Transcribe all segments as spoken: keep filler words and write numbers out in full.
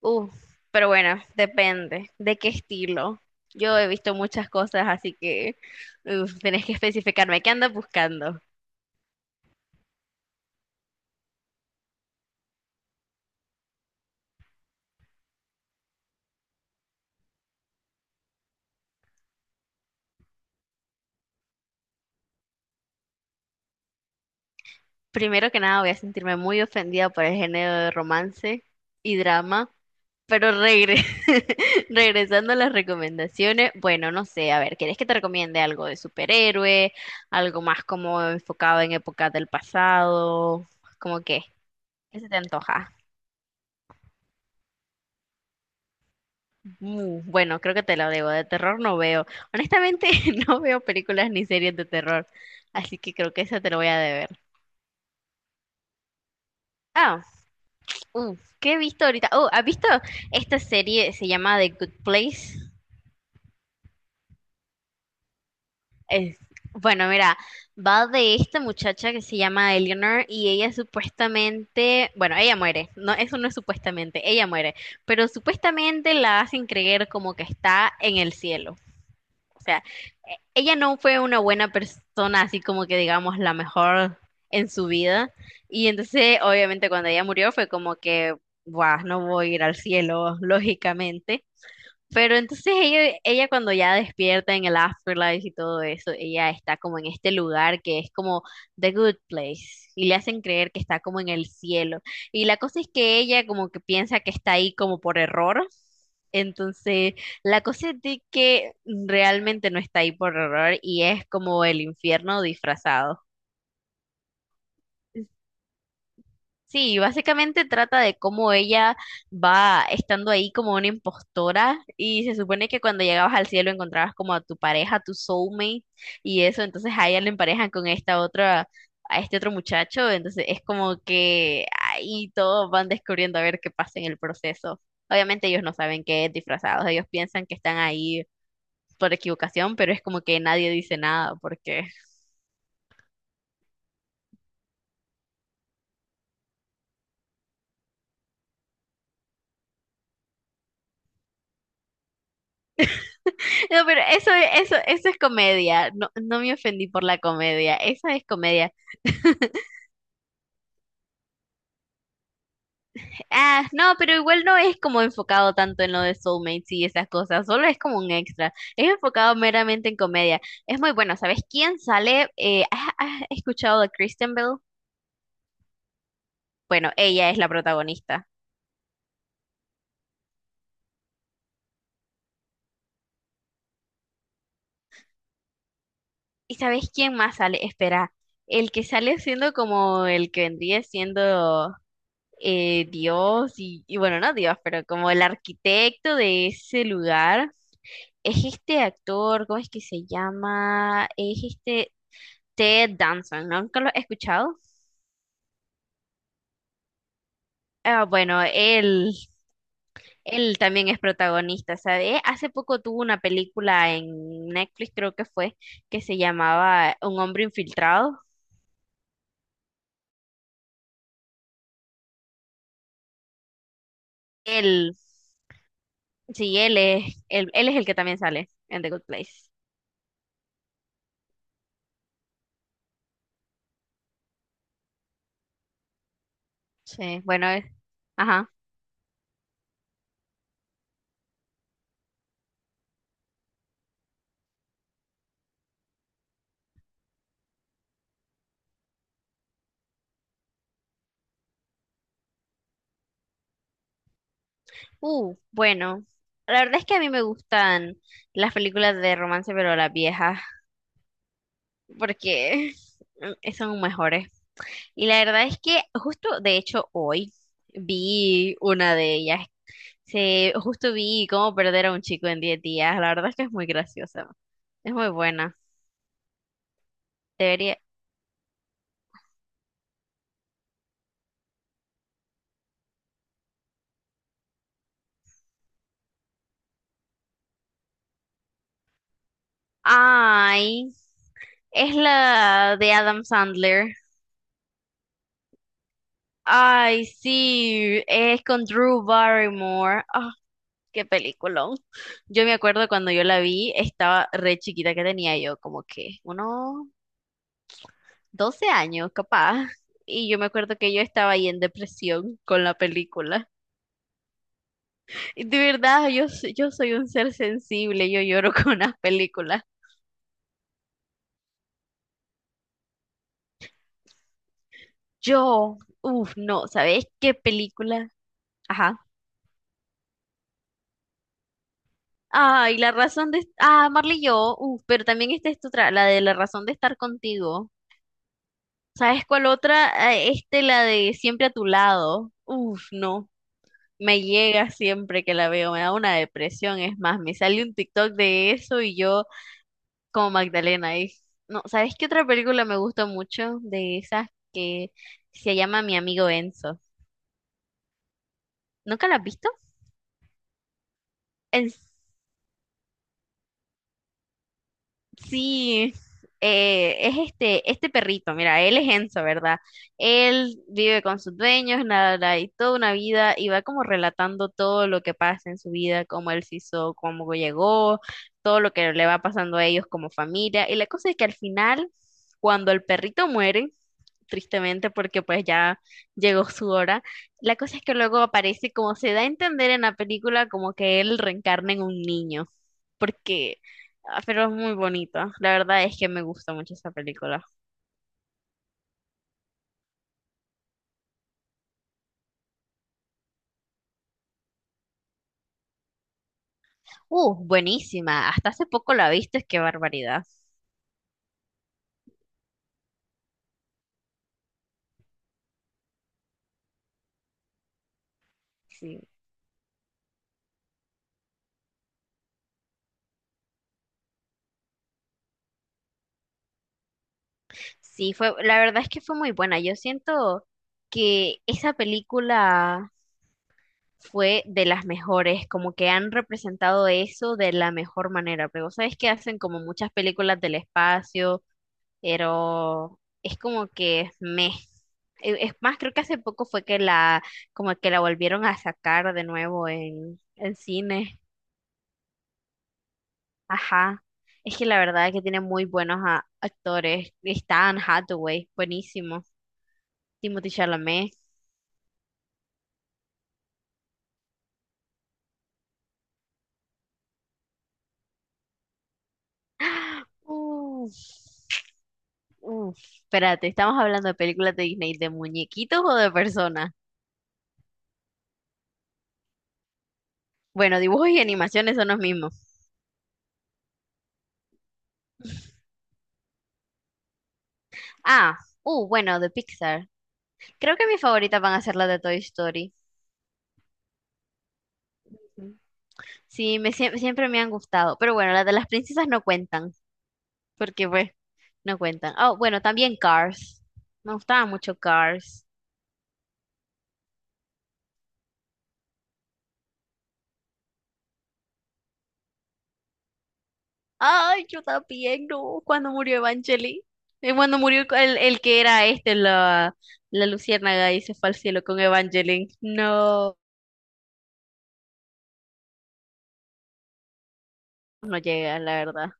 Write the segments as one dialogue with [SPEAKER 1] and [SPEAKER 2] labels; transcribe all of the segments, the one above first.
[SPEAKER 1] Uf, pero bueno, depende de qué estilo. Yo he visto muchas cosas, así que uf, tenés que especificarme qué andas buscando. Primero que nada, voy a sentirme muy ofendida por el género de romance y drama, pero regre- regresando a las recomendaciones, bueno, no sé, a ver, ¿querés que te recomiende algo de superhéroe, algo más como enfocado en épocas del pasado, como qué? ¿Qué se te antoja? Mm, bueno, creo que te lo debo. De terror no veo. Honestamente, no veo películas ni series de terror. Así que creo que esa te lo voy a deber. Ah, uh, ¿qué he visto ahorita? Oh, ¿has visto esta serie? Se llama The Good Place. Es- bueno, mira, va de esta muchacha que se llama Eleanor y ella supuestamente, bueno, ella muere. No, eso no es supuestamente, ella muere. Pero supuestamente la hacen creer como que está en el cielo. O sea, e- ella no fue una buena persona, así como que digamos la mejor en su vida. Y entonces, obviamente, cuando ella murió fue como que, guau, no voy a ir al cielo, lógicamente. Pero entonces ella, ella cuando ya despierta en el afterlife y todo eso, ella está como en este lugar que es como the good place y le hacen creer que está como en el cielo. Y la cosa es que ella como que piensa que está ahí como por error. Entonces, la cosa es de que realmente no está ahí por error y es como el infierno disfrazado. Sí, básicamente trata de cómo ella va estando ahí como una impostora y se supone que cuando llegabas al cielo encontrabas como a tu pareja, tu soulmate y eso, entonces a ella le emparejan con esta otra, a este otro muchacho, entonces es como que ahí todos van descubriendo a ver qué pasa en el proceso. Obviamente ellos no saben que es disfrazados, ellos piensan que están ahí por equivocación, pero es como que nadie dice nada porque no, pero eso, eso, eso es comedia. No, no me ofendí por la comedia. Esa es comedia. Ah, no, pero igual no es como enfocado tanto en lo de soulmates y esas cosas. Solo es como un extra. Es enfocado meramente en comedia. Es muy bueno. ¿Sabes quién sale? Eh, ¿has, has escuchado de Kristen Bell? Bueno, ella es la protagonista. ¿Y sabes quién más sale? Espera, el que sale siendo como el que vendría siendo eh, Dios y, y bueno, no Dios, pero como el arquitecto de ese lugar. Es este actor, ¿cómo es que se llama? Es este Ted Danson, ¿no? ¿Nunca lo he escuchado? Ah, bueno, él, él también es protagonista, ¿sabes? Hace poco tuvo una película en Netflix, creo que fue, que se llamaba Un hombre infiltrado. Él, sí, él es, él, él es el que también sale en The Good Place. Sí, bueno, eh, ajá. Uh, bueno, la verdad es que a mí me gustan las películas de romance, pero las viejas, porque mm, son mejores. Y la verdad es que justo, de hecho, hoy vi una de ellas. Se, justo vi cómo perder a un chico en diez días. La verdad es que es muy graciosa. Es muy buena. Debería. Ay, es la de Adam Sandler. Ay, sí, es con Drew Barrymore. Ah, qué peliculón. Yo me acuerdo cuando yo la vi, estaba re chiquita, que tenía yo, como que unos doce años, capaz. Y yo me acuerdo que yo estaba ahí en depresión con la película. Y de verdad, yo, s- yo soy un ser sensible, yo lloro con las películas. Yo, uff, no, ¿sabes qué película? Ajá. Ay, la razón de... Ah, Marley y yo, uff, pero también esta es tu otra, la de la razón de estar contigo. ¿Sabes cuál otra? Eh, Este, la de siempre a tu lado. Uff, no. Me llega siempre que la veo, me da una depresión, es más, me sale un TikTok de eso y yo... como Magdalena es. No, ¿sabes qué otra película me gusta mucho de esas, que se llama Mi amigo Enzo? ¿Nunca la has visto? Sí, eh, es este, este perrito, mira, él es Enzo, ¿verdad? Él vive con sus dueños, nada, nada, y toda una vida, y va como relatando todo lo que pasa en su vida, cómo él se hizo, cómo llegó, todo lo que le va pasando a ellos como familia. Y la cosa es que al final, cuando el perrito muere, tristemente porque pues ya llegó su hora, la cosa es que luego aparece, como se da a entender en la película, como que él reencarna en un niño. Porque ah, pero es muy bonito. La verdad es que me gusta mucho esa película. Uh, buenísima. Hasta hace poco la viste, qué barbaridad. Sí. Sí, fue, la verdad es que fue muy buena. Yo siento que esa película fue de las mejores, como que han representado eso de la mejor manera. Pero sabes que hacen como muchas películas del espacio, pero es como que me e, es más, creo que hace poco fue que la, como que la volvieron a sacar de nuevo en, en cine. Ajá. Es que la verdad es que tiene muy buenos a- actores. Está Anne Hathaway, buenísimo. Timothée Chalamet. ¡Ah! Uf, uf. Espérate, ¿estamos hablando de películas de Disney, de muñequitos o de personas? Bueno, dibujos y animaciones son los mismos. Ah, uh, bueno, de Pixar. Creo que mis favoritas van a ser las de Toy Story. Ujú. Sí, me, sie- siempre me han gustado. Pero bueno, las de las princesas no cuentan, porque pues no cuentan. Oh, bueno, también Cars. Me gustaba mucho Cars. Ay, yo también, no. Cuando murió Evangeli. Eh, Cuando murió el, el que era este, la, la luciérnaga y se fue al cielo con Evangeline. No, no llega, la verdad.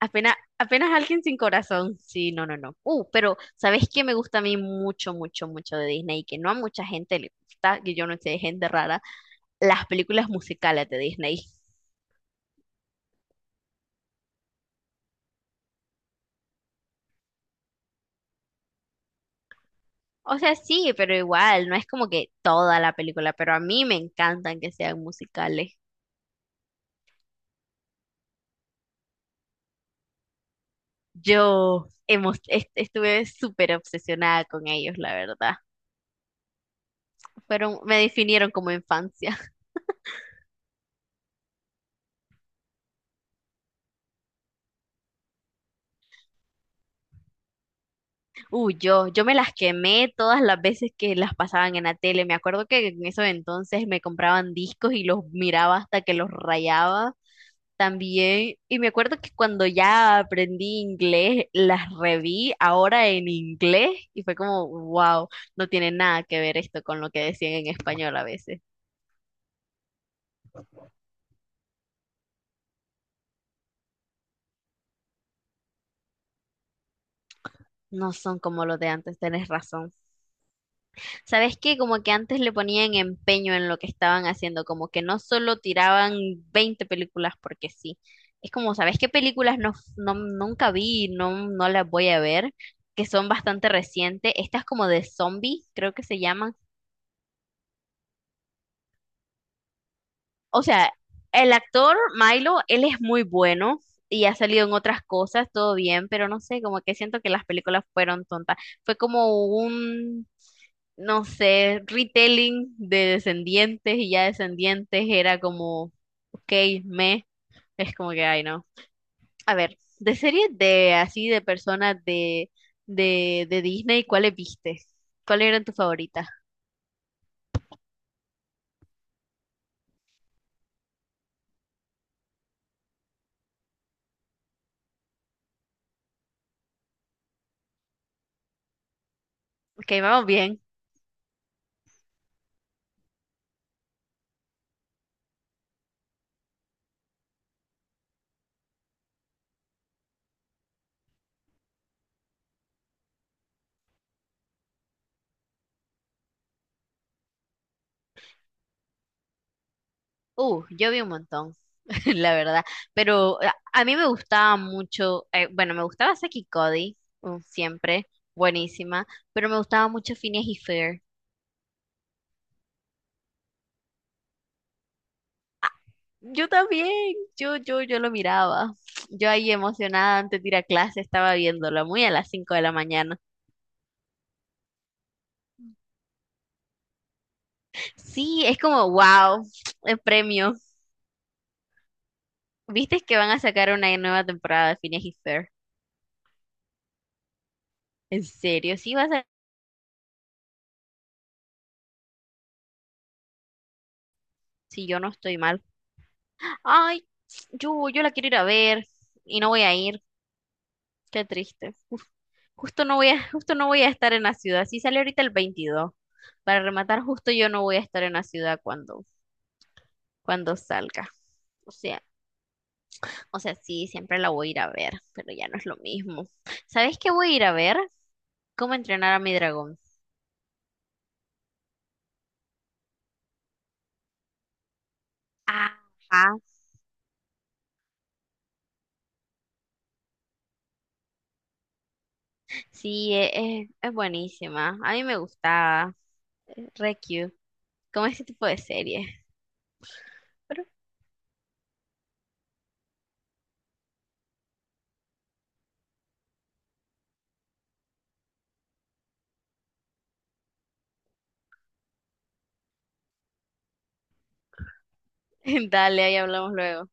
[SPEAKER 1] Apenas, apenas alguien sin corazón. Sí, no, no, no. Uh, pero ¿sabes qué me gusta a mí mucho, mucho, mucho de Disney? Y que no a mucha gente le gusta, que yo no sé, gente rara, las películas musicales de Disney. O sea, sí, pero igual, no es como que toda la película, pero a mí me encantan que sean musicales. Yo hemos, est- estuve súper obsesionada con ellos, la verdad. Fueron, me definieron como infancia. Uh, yo, yo me las quemé todas las veces que las pasaban en la tele. Me acuerdo que en esos entonces me compraban discos y los miraba hasta que los rayaba también. Y me acuerdo que cuando ya aprendí inglés, las reví ahora en inglés y fue como, wow, no tiene nada que ver esto con lo que decían en español a veces. No son como los de antes, tenés razón. ¿Sabes qué? Como que antes le ponían empeño en lo que estaban haciendo, como que no solo tiraban veinte películas porque sí. Es como, ¿sabes qué películas no, no- nunca vi, no, no las voy a ver, que son bastante recientes? Estas como de zombie, creo que se llaman. O sea, el actor Milo, él es muy bueno y ha salido en otras cosas, todo bien, pero no sé, como que siento que las películas fueron tontas. Fue como un no sé, retelling de descendientes, y ya descendientes era como, ok, me, es como que, ay, no. A ver, de series de así, de personas de, de, de Disney, ¿cuáles viste? ¿Cuáles eran tus favoritas? Ok, vamos bien. Uh, yo vi un montón, la verdad. Pero a, a mí me gustaba mucho, eh, bueno, me gustaba Saki Cody, uh, siempre, buenísima, pero me gustaba mucho Phineas y Fer. Yo también, yo, yo, yo lo miraba. Yo ahí emocionada antes de ir a clase estaba viéndolo, muy a las cinco de la mañana. Sí, es como, wow, el premio. ¿Viste que van a sacar una nueva temporada de Phineas y Fer? ¿En serio? Sí, va a ser, si yo no estoy mal. Ay, yo, yo la quiero ir a ver y no voy a ir. Qué triste. Uf, justo no voy a, justo no voy a estar en la ciudad. Sí, sale ahorita el veintidós. Para rematar, justo yo no voy a estar en la ciudad cuando, cuando salga. O sea, O sea, sí, siempre la voy a ir a ver, pero ya no es lo mismo. ¿Sabes qué voy a ir a ver? ¿Cómo entrenar a mi dragón? Ajá. Sí, e- es, es buenísima. A mí me gustaba, eh, re cute. Como ese tipo de serie. Pero dale, ahí hablamos luego.